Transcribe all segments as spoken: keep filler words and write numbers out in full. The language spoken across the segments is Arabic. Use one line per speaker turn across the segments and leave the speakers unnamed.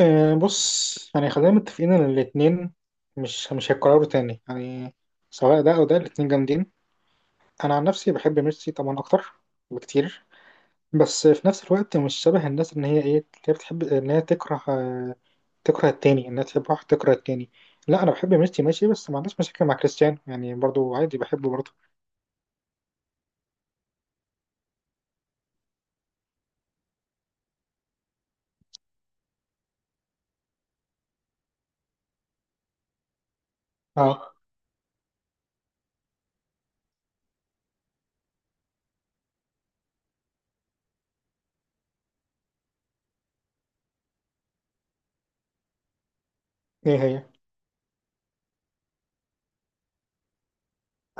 آه، بص يعني خلينا متفقين ان الاتنين مش مش هيتكرروا تاني يعني. سواء ده او ده الاتنين جامدين. انا عن نفسي بحب ميرسي طبعا اكتر بكتير. بس في نفس الوقت مش شبه الناس ان هي ايه اللي هي بتحب ان هي تكره، آه، تكره التاني، انها تحب واحد تكره التاني. لا انا بحب ميرسي ماشي، بس ما عنديش مشاكل مع كريستيانو يعني، برضو عادي بحبه برضو. اه. ايه هي؟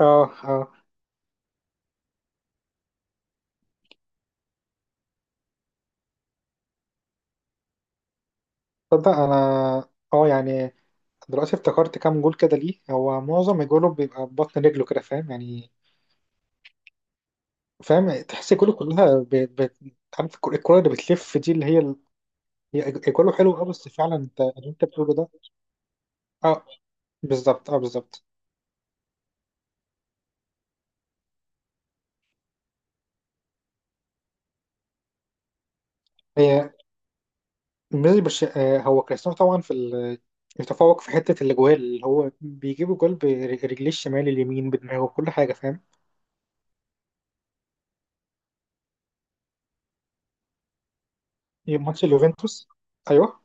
اه اه. تصدق انا اه يعني دلوقتي افتكرت كام جول كده، ليه هو معظم جوله بيبقى ببطن رجله كده فاهم يعني. فاهم تحس الكوره كلها ب... ب... عارف الكرة الكرة اللي بتلف دي اللي هي ال... هي الكوره حلوه. اه بس فعلا انت اللي انت بتقوله ده. اه بالظبط، اه بالظبط. هي بالنسبه برش... آه هو كريستيانو طبعا في ال... يتفوق في حته الاجوال، اللي هو بيجيب الجول برجليه الشمال، اليمين، بدماغه، كل حاجه فاهم. ماتش اليوفنتوس. ايوه.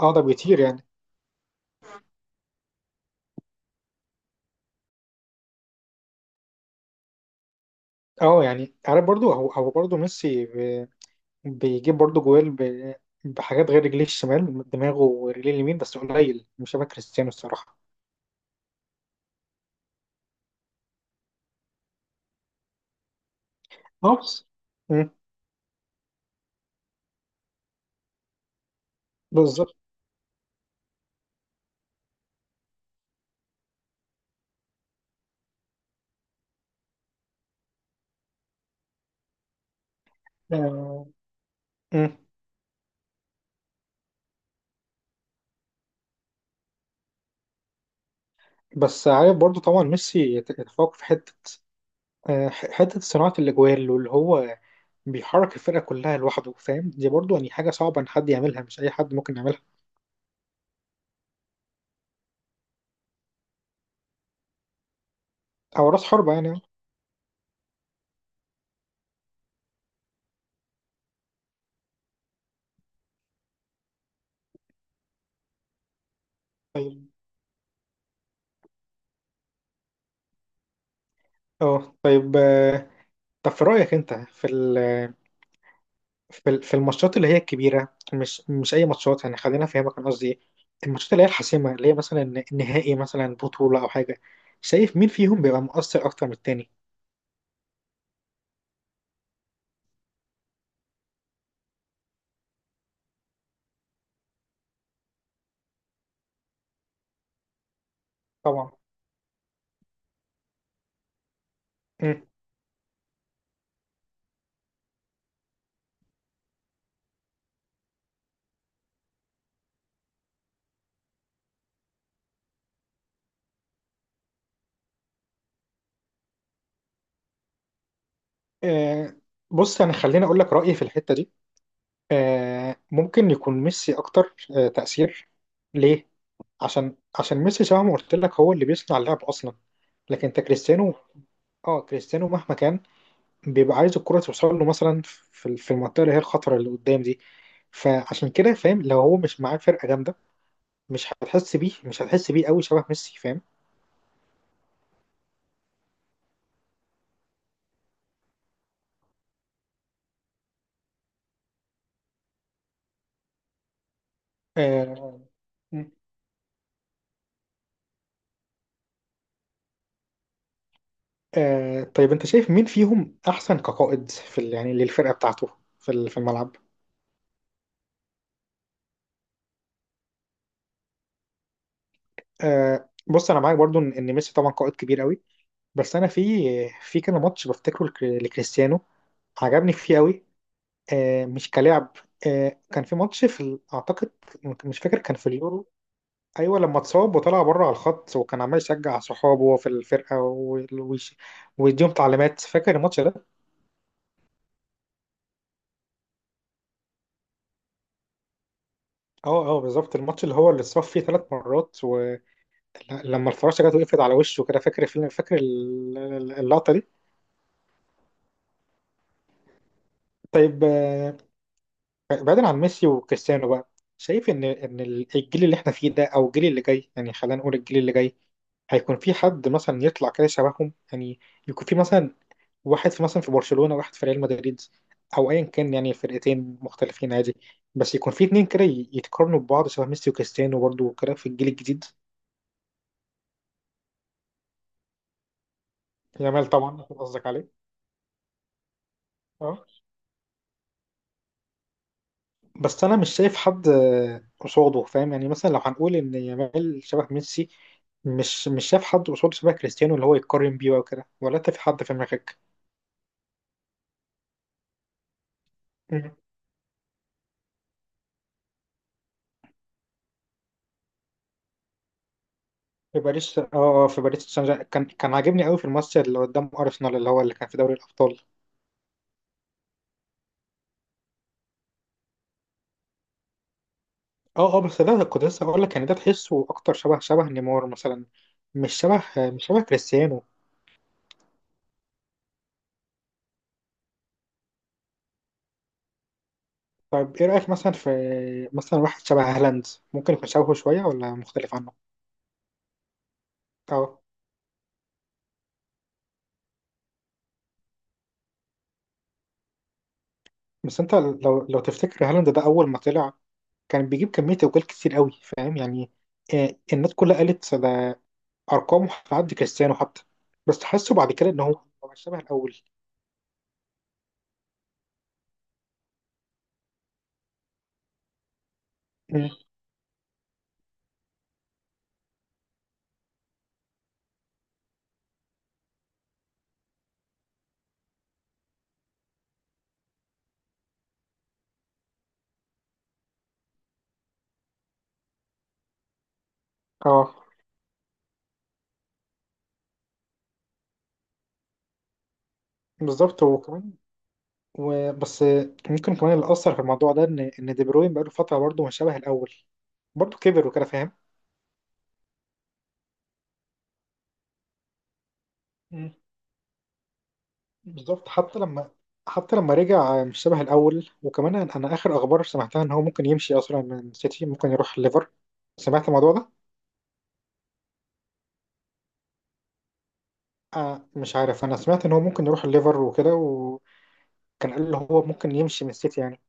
اه ده بيطير يعني. اه يعني عارف برضو هو هو برضو ميسي ب- بيجيب برضو جوال ب- بحاجات غير رجليه الشمال، دماغه، ورجليه اليمين، بس قليل مش شبه كريستيانو الصراحه. نفس. مم. بالظبط. آه، مم. بس عارف برضو طبعا ميسي يت- يتفوق في حتة، آه، ح- حتة صناعة الأجوال، واللي هو بيحرك الفرقة كلها لوحده فاهم، دي برضو يعني حاجة صعبة إن حد يعملها، مش أي حد ممكن يعملها. أو رأس حربة يعني. طيب. أه طيب. آه، طب في رأيك أنت في ال- في ال- في الماتشات اللي هي الكبيرة، مش مش أي ماتشات يعني، خلينا أفهمك أنا قصدي إيه. الماتشات اللي هي الحاسمة، اللي هي مثلا النهائي، مثلا بطولة أو حاجة. شايف مين فيهم بيبقى مؤثر أكتر من التاني؟ طبعا. آه، بص انا خليني اقول لك رايي في الحته دي. آه، ممكن يكون ميسي اكتر آه، تاثير. ليه؟ عشان عشان ميسي زي ما قلت لك هو اللي بيصنع اللعب اصلا. لكن انت كريستيانو، اه كريستيانو مهما كان بيبقى عايز الكره توصل له، مثلا في في المنطقه اللي هي الخطره اللي قدام دي. فعشان كده فاهم، لو هو مش معاه فرقه جامده مش هتحس بيه، مش هتحس بيه قوي شبه ميسي فاهم. آه. آه طيب انت شايف مين فيهم احسن كقائد في ال- يعني للفرقه بتاعته، في ال- في الملعب. آه بص انا معاك برضو ان إن ميسي طبعا قائد كبير قوي. بس انا في، في كان ماتش بفتكره لك- لكريستيانو، عجبني فيه قوي. آه مش كلاعب. آه كان في ماتش في ال- اعتقد مش فاكر، كان في اليورو. ايوه لما اتصاب وطلع بره على الخط، وكان عمال يشجع صحابه وهو في الفرقه، و- ويش- ويديهم تعليمات، فاكر الماتش ده؟ اه اه بالظبط، الماتش اللي هو اللي اتصاب فيه ثلاث مرات، ولما الفراشه جت وقفت على وشه كده، فاكر الفيلم فاكر ال- ال- اللقطه دي؟ طيب. آه، بعيدا عن ميسي وكريستيانو بقى، شايف ان ان الجيل اللي احنا فيه ده او الجيل اللي جاي، يعني خلينا نقول الجيل اللي جاي، هيكون في حد مثلا يطلع كده شبههم يعني. يكون في مثلا واحد في مثلا في برشلونة، واحد في ريال مدريد، او ايا كان يعني فرقتين مختلفين عادي. بس يكون في اتنين كده ي- يتقارنوا ببعض شبه ميسي وكريستيانو برضه، وكده في الجيل الجديد. يامال طبعا أكيد قصدك عليه. اه بس انا مش شايف حد آه، قصاده فاهم يعني، مثلا لو هنقول ان يامال شبه ميسي، مش مش شايف حد قصاده شبه كريستيانو اللي هو يتقارن بيه وكده، ولا انت في حد في دماغك؟ مم. في باريس. اه، آه، في باريس سان جيرمان كان كان عاجبني قوي في الماتش اللي قدام ارسنال، اللي هو اللي كان في دوري الابطال. اه اه بس ده كنت لسه هقول لك يعني، ده تحسه اكتر شبه شبه نيمار مثلا، مش شبه مش شبه كريستيانو. طيب ايه رايك مثلا في، مثلا واحد شبه هالاند، ممكن يكون شبهه شويه ولا مختلف عنه؟ اه بس انت لو لو تفتكر هالاند ده اول ما طلع كان بيجيب كميه اجوال كتير قوي فاهم يعني. آه، الناس كلها قالت ده ارقامه هتعدي كريستيانو حتى. بس تحسه بعد كده ان هو مبقاش شبه الاول. مم. اه بالظبط، وكمان وبس، آه، ممكن كمان اللي اثر في الموضوع ده ان ان دي بروين بقاله فتره برضه مش شبه الاول، برضه كبر وكده فاهم. مم. بالظبط، حتى لما حتى لما رجع آه، مش شبه الاول. وكمان انا أنا اخر اخبار سمعتها ان هو ممكن يمشي اصلا من سيتي، ممكن يروح ليفر. سمعت الموضوع ده؟ آه مش عارف، انا سمعت ان هو ممكن يروح الليفر وكده، وكان قال اللي هو ممكن يمشي من السيتي يعني.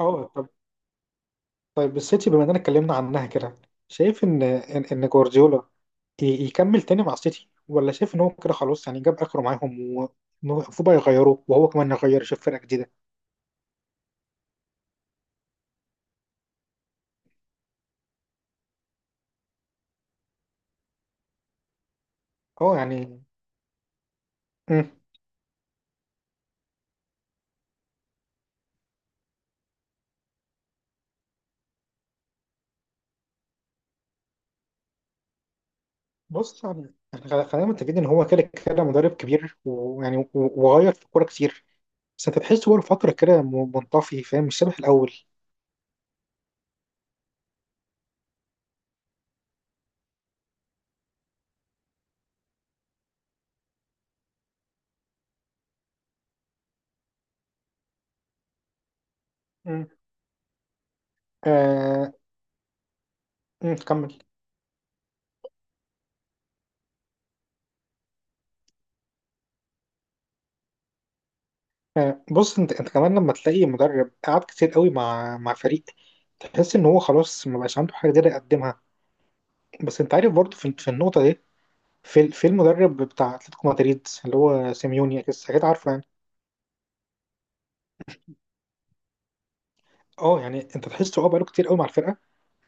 اه طب طيب. السيتي، بما اننا اتكلمنا عنها كده، شايف ان ان, إن جوارديولا ي- يكمل تاني مع السيتي، ولا شايف ان هو كده خلاص يعني جاب اخره معاهم، ومفروض بقى يغيروه، وهو كمان يغير يشوف فرقة جديدة؟ اه يعني. مم. بص يعني، يعني خ- خلينا متفقين ان هو كده كده مدرب كبير، ويعني و- وغير في الكورة كتير. بس انت تحسه بقاله فترة كده م- منطفي فاهم، مش شبه الاول. مم. آه. مم، كمل. آه، بص انت انت كمان لما تلاقي مدرب قعد كتير قوي مع مع فريق، تحس ان هو خلاص ما بقاش عنده حاجه جديده يقدمها. بس انت عارف برضه في, في النقطه دي، في في المدرب بتاع اتلتيكو مدريد اللي هو سيميوني، اكيد أكيد عارفه يعني. اه يعني انت تحسه اه بقاله كتير قوي مع الفرقه،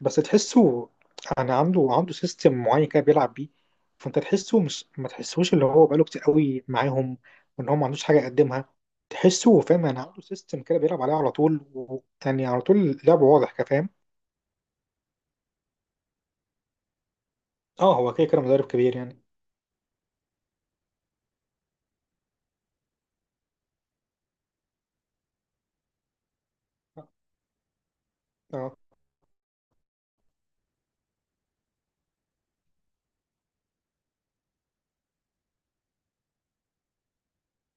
بس تحسه يعني عنده عنده سيستم معين كده بيلعب بيه. فانت تحسه مش ما تحسوش اللي هو بقاله كتير قوي معاهم، وان هو ما عندوش حاجه يقدمها. تحسه فاهم يعني عنده سيستم كده بيلعب عليه على طول، و- يعني على طول لعبه واضح كفاهم. اه هو كده كده مدرب كبير يعني. اه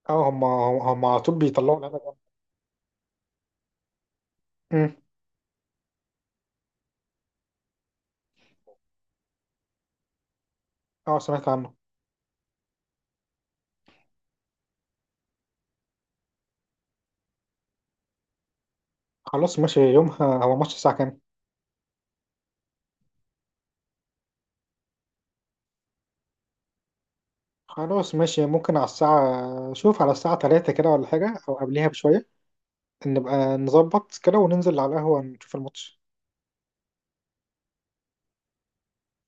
اه هم هم هم على طول بيطلعوا لعيبه جامدة. أمم. اه سمعت عنه. خلاص ماشي. يومها هو ماتش الساعة كام؟ خلاص ماشي، ممكن على الساعة، شوف، على الساعة تلاتة كده ولا حاجة، أو قبليها بشوية، نبقى نظبط كده وننزل على القهوة نشوف الماتش.